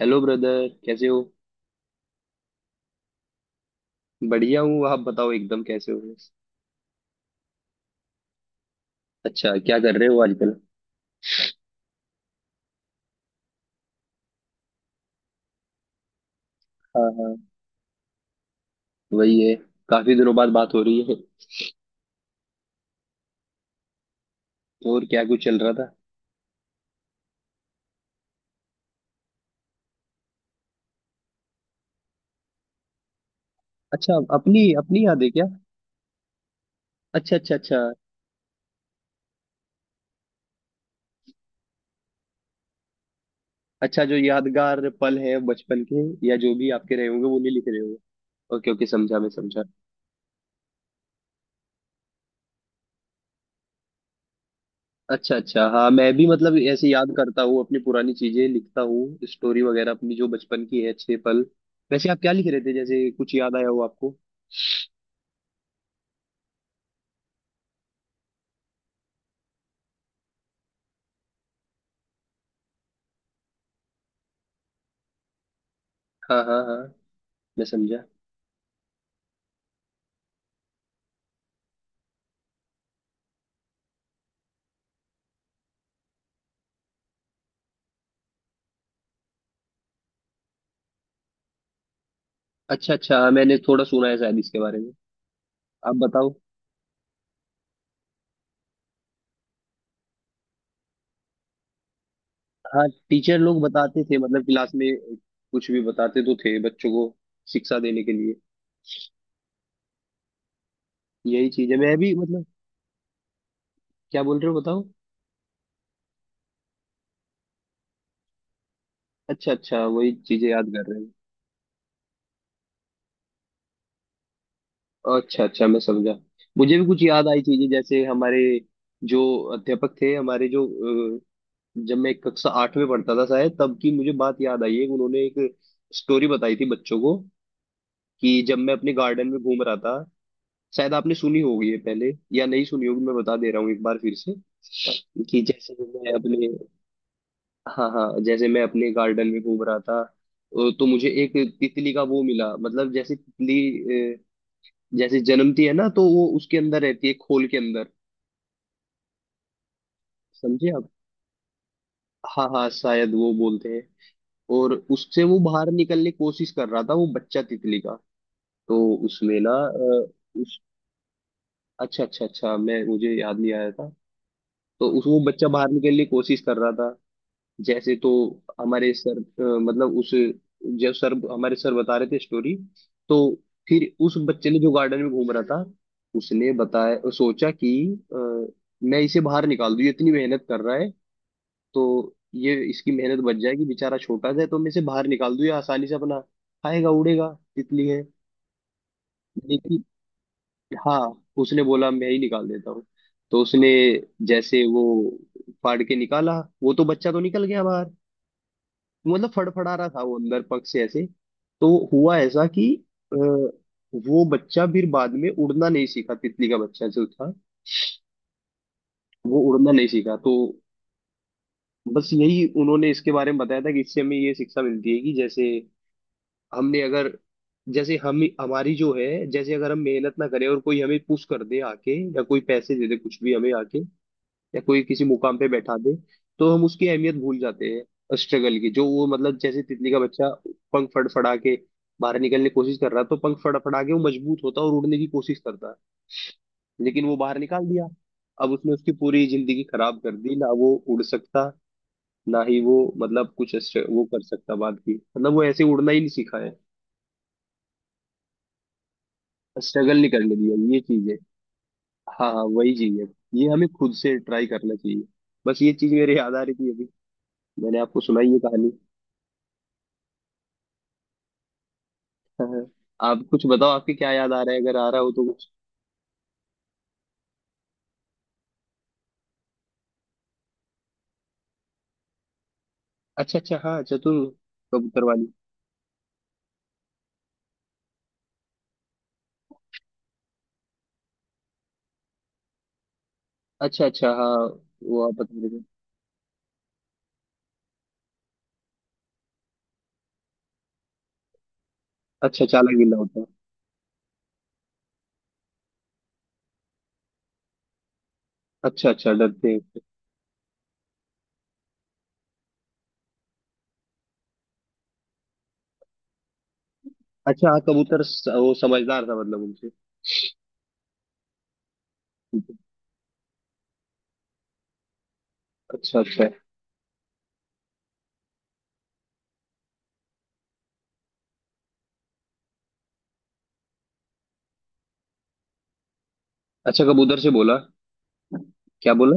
Hello brother कैसे हो। बढ़िया हूँ आप बताओ एकदम कैसे हो। अच्छा क्या कर रहे हो आजकल। हाँ हाँ वही है। काफी दिनों बाद बात हो रही है। और क्या कुछ चल रहा था। अच्छा अपनी अपनी याद है क्या। अच्छा अच्छा अच्छा। अच्छा जो यादगार पल है बचपन के या जो भी आपके रहे होंगे वो नहीं लिख रहे होंगे। ओके ओके समझा मैं समझा। अच्छा अच्छा हाँ मैं भी मतलब ऐसे याद करता हूँ अपनी पुरानी चीजें, लिखता हूँ स्टोरी वगैरह अपनी जो बचपन की है अच्छे पल। वैसे आप क्या लिख रहे थे जैसे कुछ याद आया हो आपको। हाँ हाँ हाँ मैं समझा। अच्छा अच्छा हाँ, मैंने थोड़ा सुना है शायद इसके बारे में। आप बताओ। हाँ टीचर लोग बताते थे मतलब क्लास में। कुछ भी बताते तो थे बच्चों को शिक्षा देने के लिए। यही चीज है मैं भी मतलब। क्या बोल रहे हो बताओ। अच्छा अच्छा वही चीजें याद कर रहे हो। अच्छा अच्छा मैं समझा। मुझे भी कुछ याद आई चीजें जैसे हमारे जो अध्यापक थे हमारे जो अ, जब मैं कक्षा 8 में पढ़ता था शायद, तब की मुझे बात याद आई है। उन्होंने एक स्टोरी बताई थी बच्चों को कि जब मैं अपने गार्डन में घूम रहा था। शायद आपने सुनी होगी ये पहले या नहीं सुनी होगी, मैं बता दे रहा हूँ एक बार फिर से। कि जैसे कि मैं अपने हाँ हाँ, जैसे मैं अपने गार्डन में घूम रहा था तो मुझे एक तितली का वो मिला, मतलब जैसे तितली जैसे जन्मती है ना तो वो उसके अंदर रहती है खोल के अंदर। समझे आप। हाँ हाँ शायद वो बोलते हैं। और उससे वो बाहर निकलने की कोशिश कर रहा था, वो बच्चा तितली का। तो उसमें ना उस, अच्छा अच्छा अच्छा मैं मुझे याद नहीं आया था। तो उस वो बच्चा बाहर निकलने की कोशिश कर रहा था जैसे। तो हमारे सर मतलब उस, जब सर हमारे सर बता रहे थे स्टोरी। तो फिर उस बच्चे ने जो गार्डन में घूम रहा था, उसने बताया सोचा कि अ, मैं इसे बाहर निकाल दूं, ये इतनी मेहनत कर रहा है तो ये इसकी मेहनत बच जाएगी, बेचारा छोटा सा है तो मैं इसे बाहर निकाल दूं, ये आसानी से अपना खाएगा उड़ेगा, तितली है। लेकिन हाँ, उसने बोला मैं ही निकाल देता हूँ। तो उसने जैसे वो फाड़ के निकाला, वो तो बच्चा तो निकल गया बाहर, मतलब फड़फड़ा रहा था वो अंदर पग से ऐसे। तो हुआ ऐसा कि वो बच्चा फिर बाद में उड़ना नहीं सीखा, तितली का बच्चा जो था वो उड़ना नहीं सीखा। तो बस यही उन्होंने इसके बारे में बताया था कि इससे हमें ये शिक्षा मिलती है कि जैसे हमने अगर जैसे हम हमारी जो है, जैसे अगर हम मेहनत ना करें और कोई हमें पुश कर दे आके, या कोई पैसे दे दे कुछ भी हमें आके, या कोई किसी मुकाम पे बैठा दे, तो हम उसकी अहमियत भूल जाते हैं स्ट्रगल की, जो वो मतलब जैसे तितली का बच्चा पंख फड़फड़ा के बाहर निकलने की कोशिश कर रहा है, तो पंख फड़फड़ा के वो मजबूत होता है और उड़ने की कोशिश करता है। लेकिन वो बाहर निकाल दिया, अब उसने उसकी पूरी जिंदगी खराब कर दी ना, वो उड़ सकता ना ही वो, मतलब कुछ वो कर सकता बात की, मतलब वो ऐसे उड़ना ही नहीं सीखा है। स्ट्रगल नहीं करने दिया, ये चीज है। हाँ हाँ वही चीज है, ये हमें खुद से ट्राई करना चाहिए। बस ये चीज मेरे याद आ रही थी, मैंने आपको सुनाई ये कहानी। आप कुछ बताओ, आपके क्या याद आ रहा है, अगर आ रहा हो तो कुछ। अच्छा अच्छा हाँ चतुर कबूतर वाली। अच्छा अच्छा हाँ, वो आप बता रहे थे। अच्छा चालाक बिल्ला होता है। अच्छा अच्छा डरते हैं उससे। अच्छा हाँ कबूतर वो समझदार था मतलब उनसे। अच्छा अच्छा अच्छा कबूतर से बोला क्या बोला।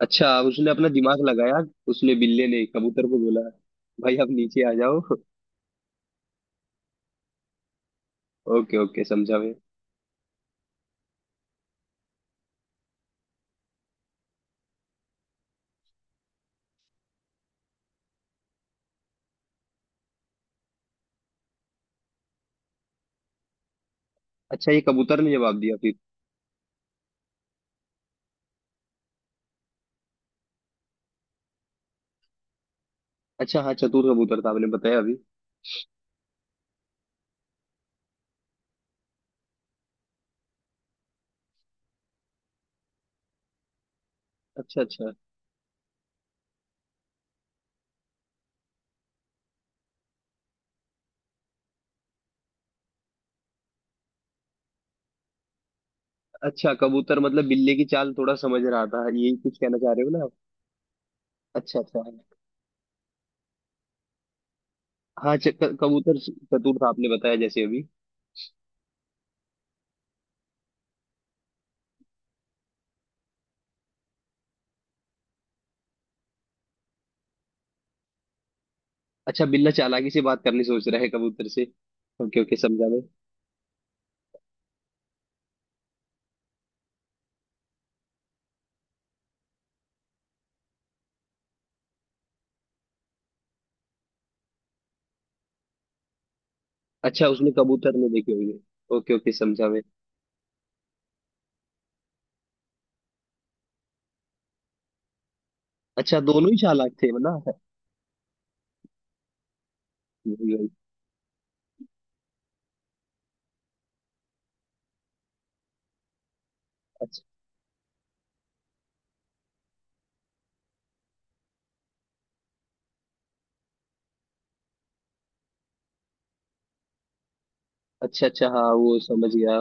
अच्छा उसने अपना दिमाग लगाया, उसने बिल्ले ने कबूतर को बोला भाई आप नीचे आ जाओ। ओके ओके समझा मैं। अच्छा ये कबूतर ने जवाब दिया फिर। अच्छा हाँ चतुर कबूतर था आपने बताया अभी। अच्छा अच्छा अच्छा कबूतर मतलब बिल्ली की चाल थोड़ा समझ रहा था, यही कुछ कहना चाह रहे हो ना आप। अच्छा अच्छा हाँ कबूतर चतुर था आपने बताया जैसे अभी। अच्छा बिल्ला चालाकी से बात करनी सोच रहा है कबूतर से। ओके ओके समझा मैं। अच्छा उसने कबूतर ने देखे होंगे। ओके ओके समझा मैं। अच्छा दोनों ही चालाक थे ना। वही वही। अच्छा अच्छा अच्छा हाँ वो समझ गया।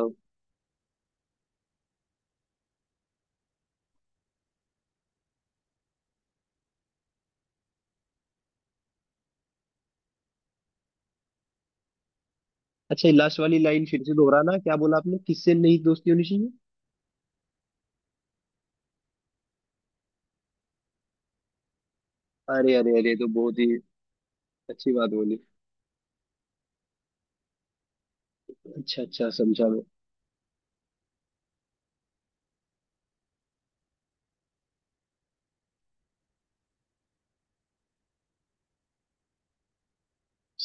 अच्छा, ये लास्ट वाली लाइन फिर से दोहराना, क्या बोला आपने, किससे नहीं दोस्ती होनी चाहिए। अरे अरे अरे ये तो बहुत ही अच्छी बात बोली। अच्छा अच्छा समझा मैं।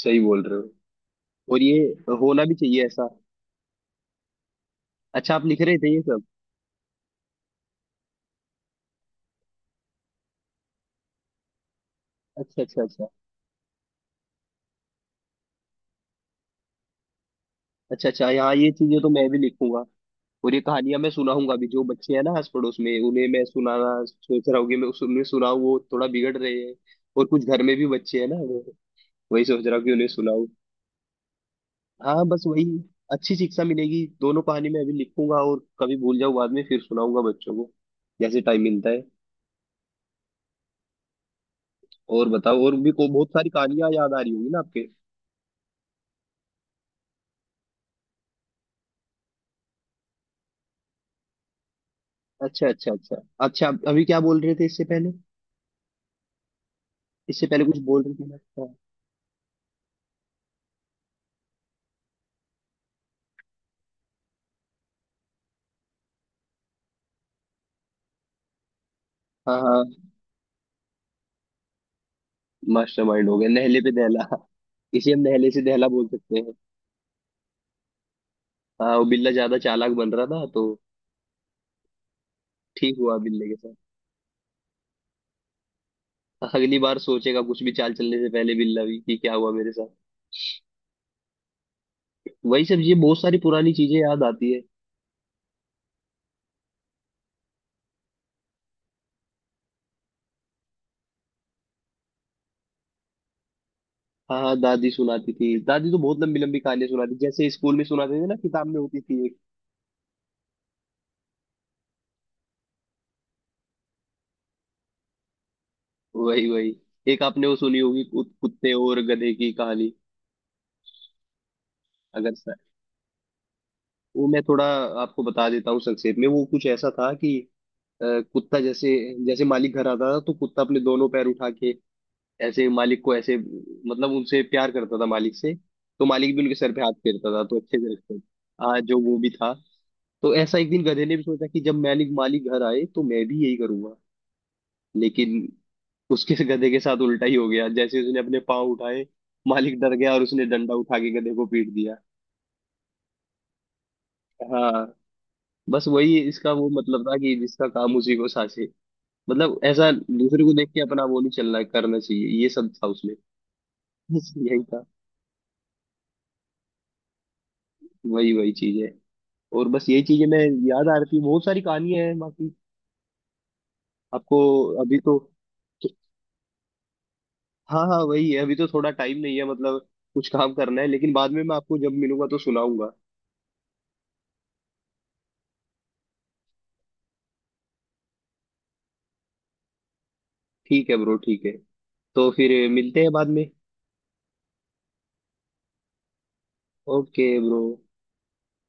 सही बोल रहे हो और ये होना भी चाहिए ऐसा। अच्छा आप लिख रहे थे ये सब। अच्छा अच्छा अच्छा। अच्छा अच्छा यहाँ ये चीजें तो मैं भी लिखूंगा, और ये कहानियां मैं सुनाऊंगा भी, जो बच्चे हैं ना आस पड़ोस में उन्हें मैं सुनाना सोच रहा हूँ कि मैं उन्हें सुनाऊं, वो थोड़ा बिगड़ रहे हैं। और कुछ घर में भी बच्चे हैं ना वो, वही सोच रहा हूँ कि उन्हें सुनाऊं। हाँ बस वही, अच्छी शिक्षा मिलेगी। दोनों कहानी मैं अभी लिखूंगा और कभी भूल जाऊँ बाद में, फिर सुनाऊंगा बच्चों को जैसे टाइम मिलता है। और बताओ, और भी को बहुत सारी कहानियां याद आ रही होंगी ना आपके। अच्छा अच्छा अच्छा। अच्छा अभी क्या बोल रहे थे इससे पहले, इससे पहले कुछ बोल रही थी ना। अच्छा, हाँ हाँ मास्टरमाइंड हो गया, नहले पे दहला। इसे हम नहले से दहला बोल सकते हैं। हाँ वो बिल्ला ज्यादा चालाक बन रहा था तो ठीक हुआ बिल्ले के साथ। अगली बार सोचेगा कुछ भी चाल चलने से पहले बिल्ला भी, कि क्या हुआ मेरे साथ। वही सब, ये बहुत सारी पुरानी चीजें याद आती है। हाँ हाँ दादी सुनाती थी, दादी तो बहुत लंबी लंबी कहानियां सुनाती, जैसे स्कूल में सुनाते थे ना, किताब में होती थी एक। वही वही, एक आपने वो सुनी होगी कुत्ते और गधे की कहानी। अगर सर वो मैं थोड़ा आपको बता देता हूँ संक्षेप में, वो कुछ ऐसा था कि अ, कुत्ता जैसे, जैसे मालिक घर आता था तो कुत्ता अपने दोनों पैर उठा के ऐसे मालिक को, ऐसे मतलब उनसे प्यार करता था मालिक से। तो मालिक भी उनके सर पे हाथ फेरता था, तो अच्छे से रखते थे। हाँ जो वो भी था। तो ऐसा एक दिन गधे ने भी सोचा कि जब मालिक मालिक घर आए तो मैं भी यही करूंगा। लेकिन उसके से गधे के साथ उल्टा ही हो गया, जैसे उसने अपने पाँव उठाए, मालिक डर गया और उसने डंडा उठा के गधे को पीट दिया। हाँ बस वही इसका वो मतलब था कि जिसका काम उसी को सासे, मतलब ऐसा दूसरे को देख के अपना वो नहीं चलना करना चाहिए, ये सब था उसमें। बस यही था। वही वही चीज है, और बस यही चीजें मैं याद आ रही थी, बहुत सारी कहानियां हैं बाकी आपको, अभी तो हाँ हाँ वही है, अभी तो थोड़ा टाइम नहीं है मतलब, कुछ काम करना है, लेकिन बाद में मैं आपको जब मिलूंगा तो सुनाऊंगा। ठीक है ब्रो ठीक है, तो फिर मिलते हैं बाद में। Okay bro.